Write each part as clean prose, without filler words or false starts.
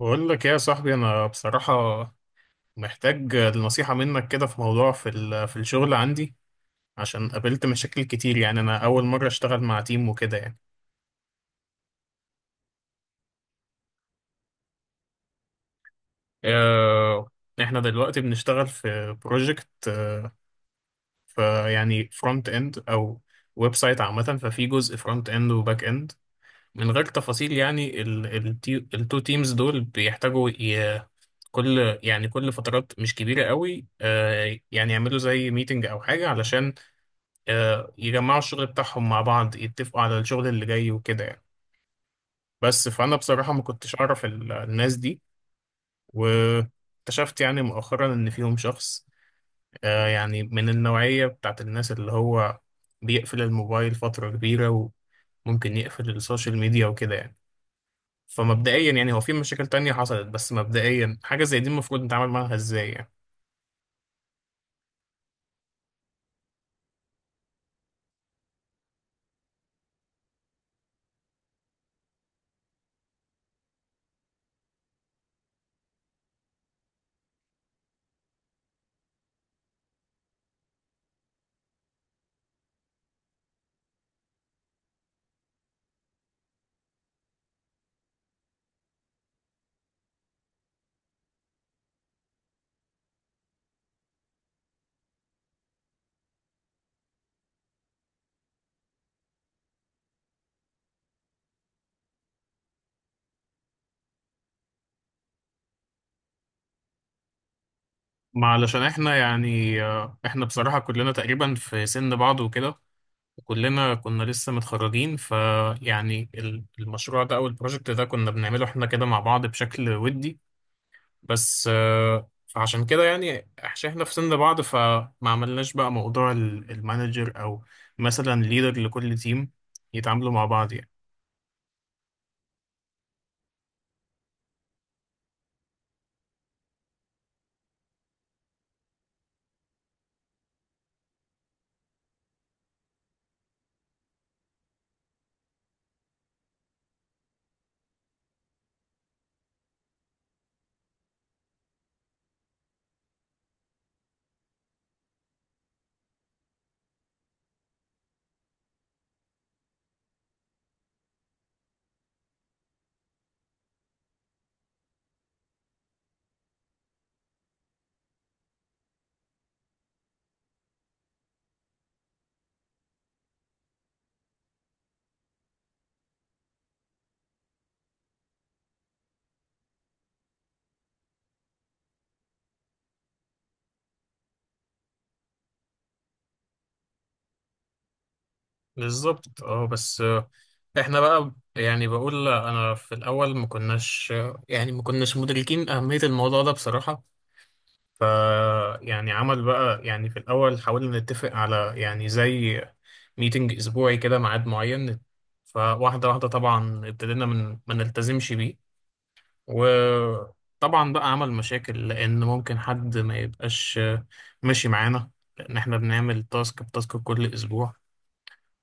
بقول لك إيه يا صاحبي، انا بصراحة محتاج نصيحة منك كده في موضوع في في الشغل عندي، عشان قابلت مشاكل كتير. يعني انا اول مرة اشتغل مع تيم وكده. آه، احنا دلوقتي بنشتغل في بروجكت، فيعني فرونت اند او ويب سايت عامة، ففي جزء فرونت اند وباك اند. من غير تفاصيل، يعني التو تيمز دول بيحتاجوا كل يعني كل فترات مش كبيرة قوي، يعني يعملوا زي ميتنج او حاجة، علشان يجمعوا الشغل بتاعهم مع بعض، يتفقوا على الشغل اللي جاي وكده يعني. بس فأنا بصراحة ما كنتش أعرف الناس دي، واكتشفت يعني مؤخرا إن فيهم شخص، يعني من النوعية بتاعت الناس اللي هو بيقفل الموبايل فترة كبيرة، وممكن يقفل السوشيال ميديا وكده يعني. فمبدئيا يعني هو في مشاكل تانية حصلت، بس مبدئيا حاجة زي دي المفروض نتعامل معاها ازاي يعني؟ ما علشان احنا يعني احنا بصراحة كلنا تقريبا في سن بعض وكده، كلنا كنا لسه متخرجين، فيعني المشروع ده او البروجكت ده كنا بنعمله احنا كده مع بعض بشكل ودي. بس آه، فعشان كده يعني عشان احنا في سن بعض، فما عملناش بقى موضوع المانجر، او مثلا ليدر لكل تيم يتعاملوا مع بعض يعني. بالظبط، اه. بس آه، احنا بقى يعني بقول انا في الاول ما كناش، يعني ما كناش مدركين اهمية الموضوع ده بصراحة. ف يعني عمل بقى، يعني في الأول حاولنا نتفق على يعني زي ميتنج أسبوعي كده، ميعاد معين، فواحدة واحدة طبعا ابتدينا من ما نلتزمش بيه. وطبعا بقى عمل مشاكل، لأن ممكن حد ما يبقاش ماشي معانا، لأن احنا بنعمل تاسك بتاسك كل أسبوع،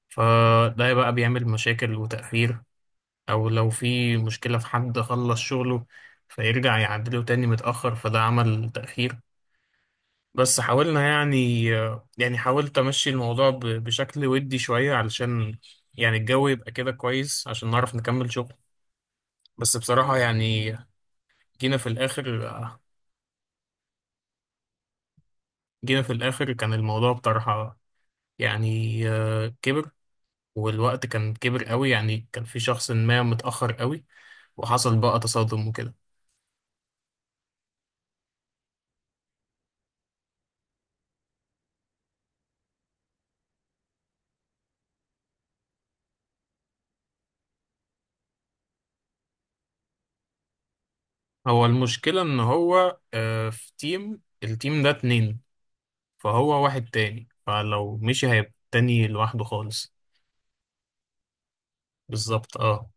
فده بقى بيعمل مشاكل وتأخير. أو لو في مشكلة في حد خلص شغله فيرجع يعدله تاني متأخر، فده عمل تأخير. بس حاولنا يعني يعني حاولت امشي الموضوع بشكل ودي شوية، علشان يعني الجو يبقى كده كويس عشان نعرف نكمل شغل. بس بصراحة يعني جينا في الاخر جينا في الاخر كان الموضوع بطرحة، يعني كبر، والوقت كان كبر قوي، يعني كان في شخص ما متأخر قوي، وحصل بقى تصادم وكده. هو المشكلة ان هو، في تيم، التيم ده اتنين، فهو واحد تاني، فلو مشي هيبقى تاني لوحده خالص. بالظبط، اه.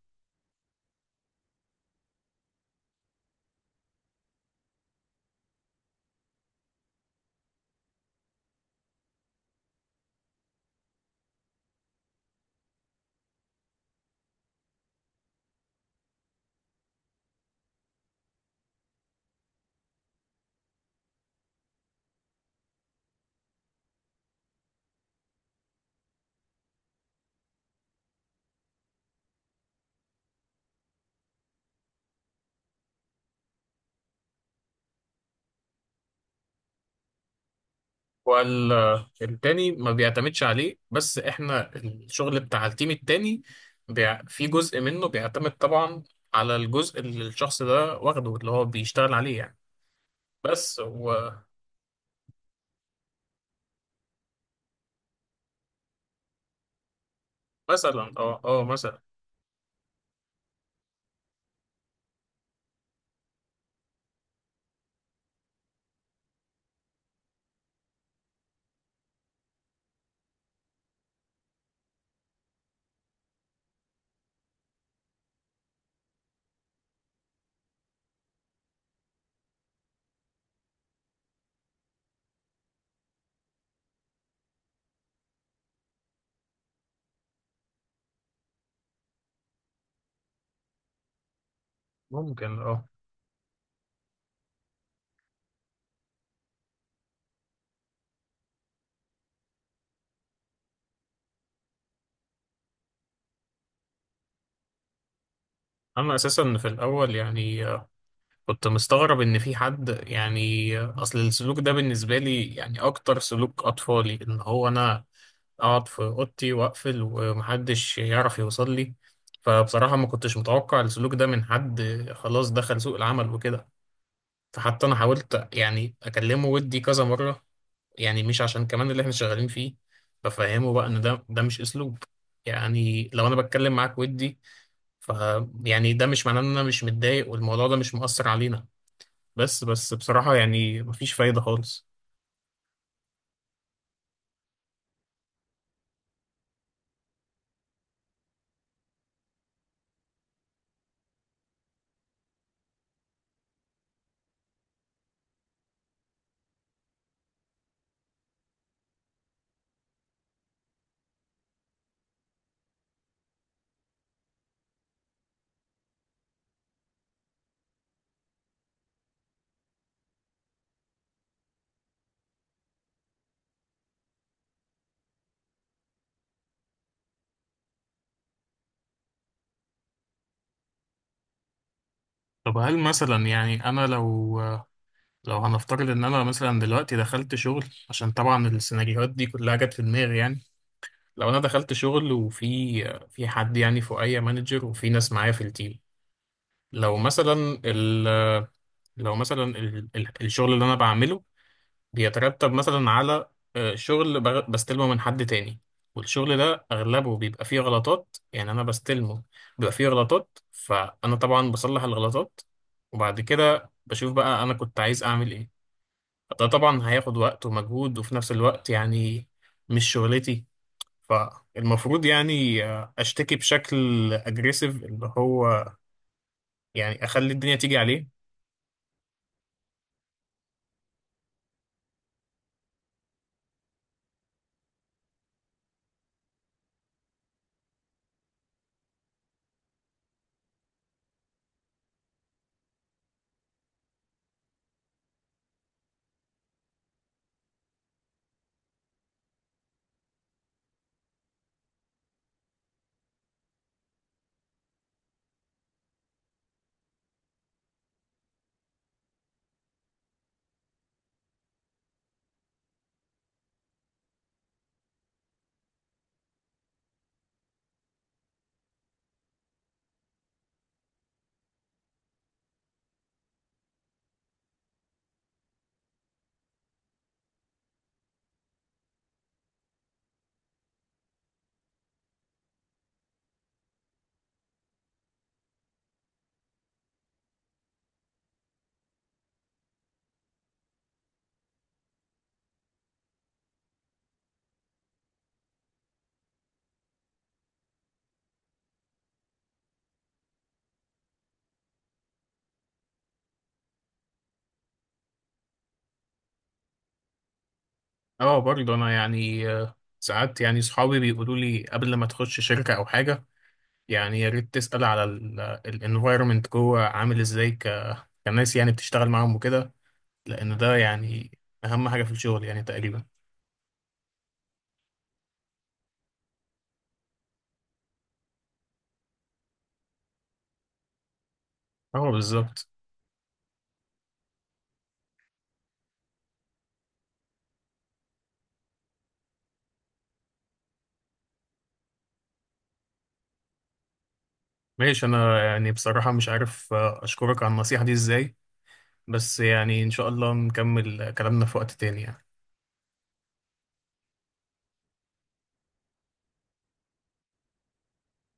والتاني ما بيعتمدش عليه، بس احنا الشغل بتاع التيم التاني في جزء منه بيعتمد طبعا على الجزء اللي الشخص ده واخده، اللي هو بيشتغل عليه يعني. بس ومثلا، اه اه مثلا، ممكن اه. انا اساسا في الاول يعني كنت مستغرب ان في حد يعني، اصل السلوك ده بالنسبه لي يعني اكتر سلوك اطفالي، ان هو انا اقعد في اوضتي واقفل ومحدش يعرف يوصل لي. فبصراحة ما كنتش متوقع السلوك ده من حد خلاص دخل سوق العمل وكده. فحتى انا حاولت يعني اكلمه ودي كذا مرة، يعني مش عشان كمان اللي احنا شغالين فيه، بفهمه بقى ان ده مش اسلوب، يعني لو انا بتكلم معاك ودي، ف يعني ده مش معناه ان انا مش متضايق والموضوع ده مش مؤثر علينا. بس بصراحة يعني مفيش فايدة خالص. طب هل مثلا يعني انا لو، لو هنفترض ان انا مثلا دلوقتي دخلت شغل، عشان طبعا السيناريوهات دي كلها جت في دماغي يعني. لو انا دخلت شغل، وفي حد يعني فوقيا مانجر، وفي ناس معايا في التيم، لو مثلا ال لو مثلا الشغل اللي انا بعمله بيترتب مثلا على شغل بستلمه من حد تاني، والشغل ده اغلبه بيبقى فيه غلطات، يعني انا بستلمه بيبقى فيه غلطات، فانا طبعا بصلح الغلطات، وبعد كده بشوف بقى انا كنت عايز اعمل ايه. ده طبعا هياخد وقت ومجهود، وفي نفس الوقت يعني مش شغلتي. فالمفروض يعني اشتكي بشكل اجريسيف، اللي هو يعني اخلي الدنيا تيجي عليه. اه برضه انا يعني ساعات يعني صحابي بيقولوا لي قبل ما تخش شركة او حاجة، يعني يا ريت تسأل على الانفايرمنت جوه عامل ازاي، كناس يعني بتشتغل معاهم وكده، لان ده يعني اهم حاجة في الشغل يعني تقريبا. اه بالظبط. ماشي، انا يعني بصراحة مش عارف اشكرك على النصيحة دي ازاي، بس يعني ان شاء الله نكمل كلامنا في وقت تاني يعني.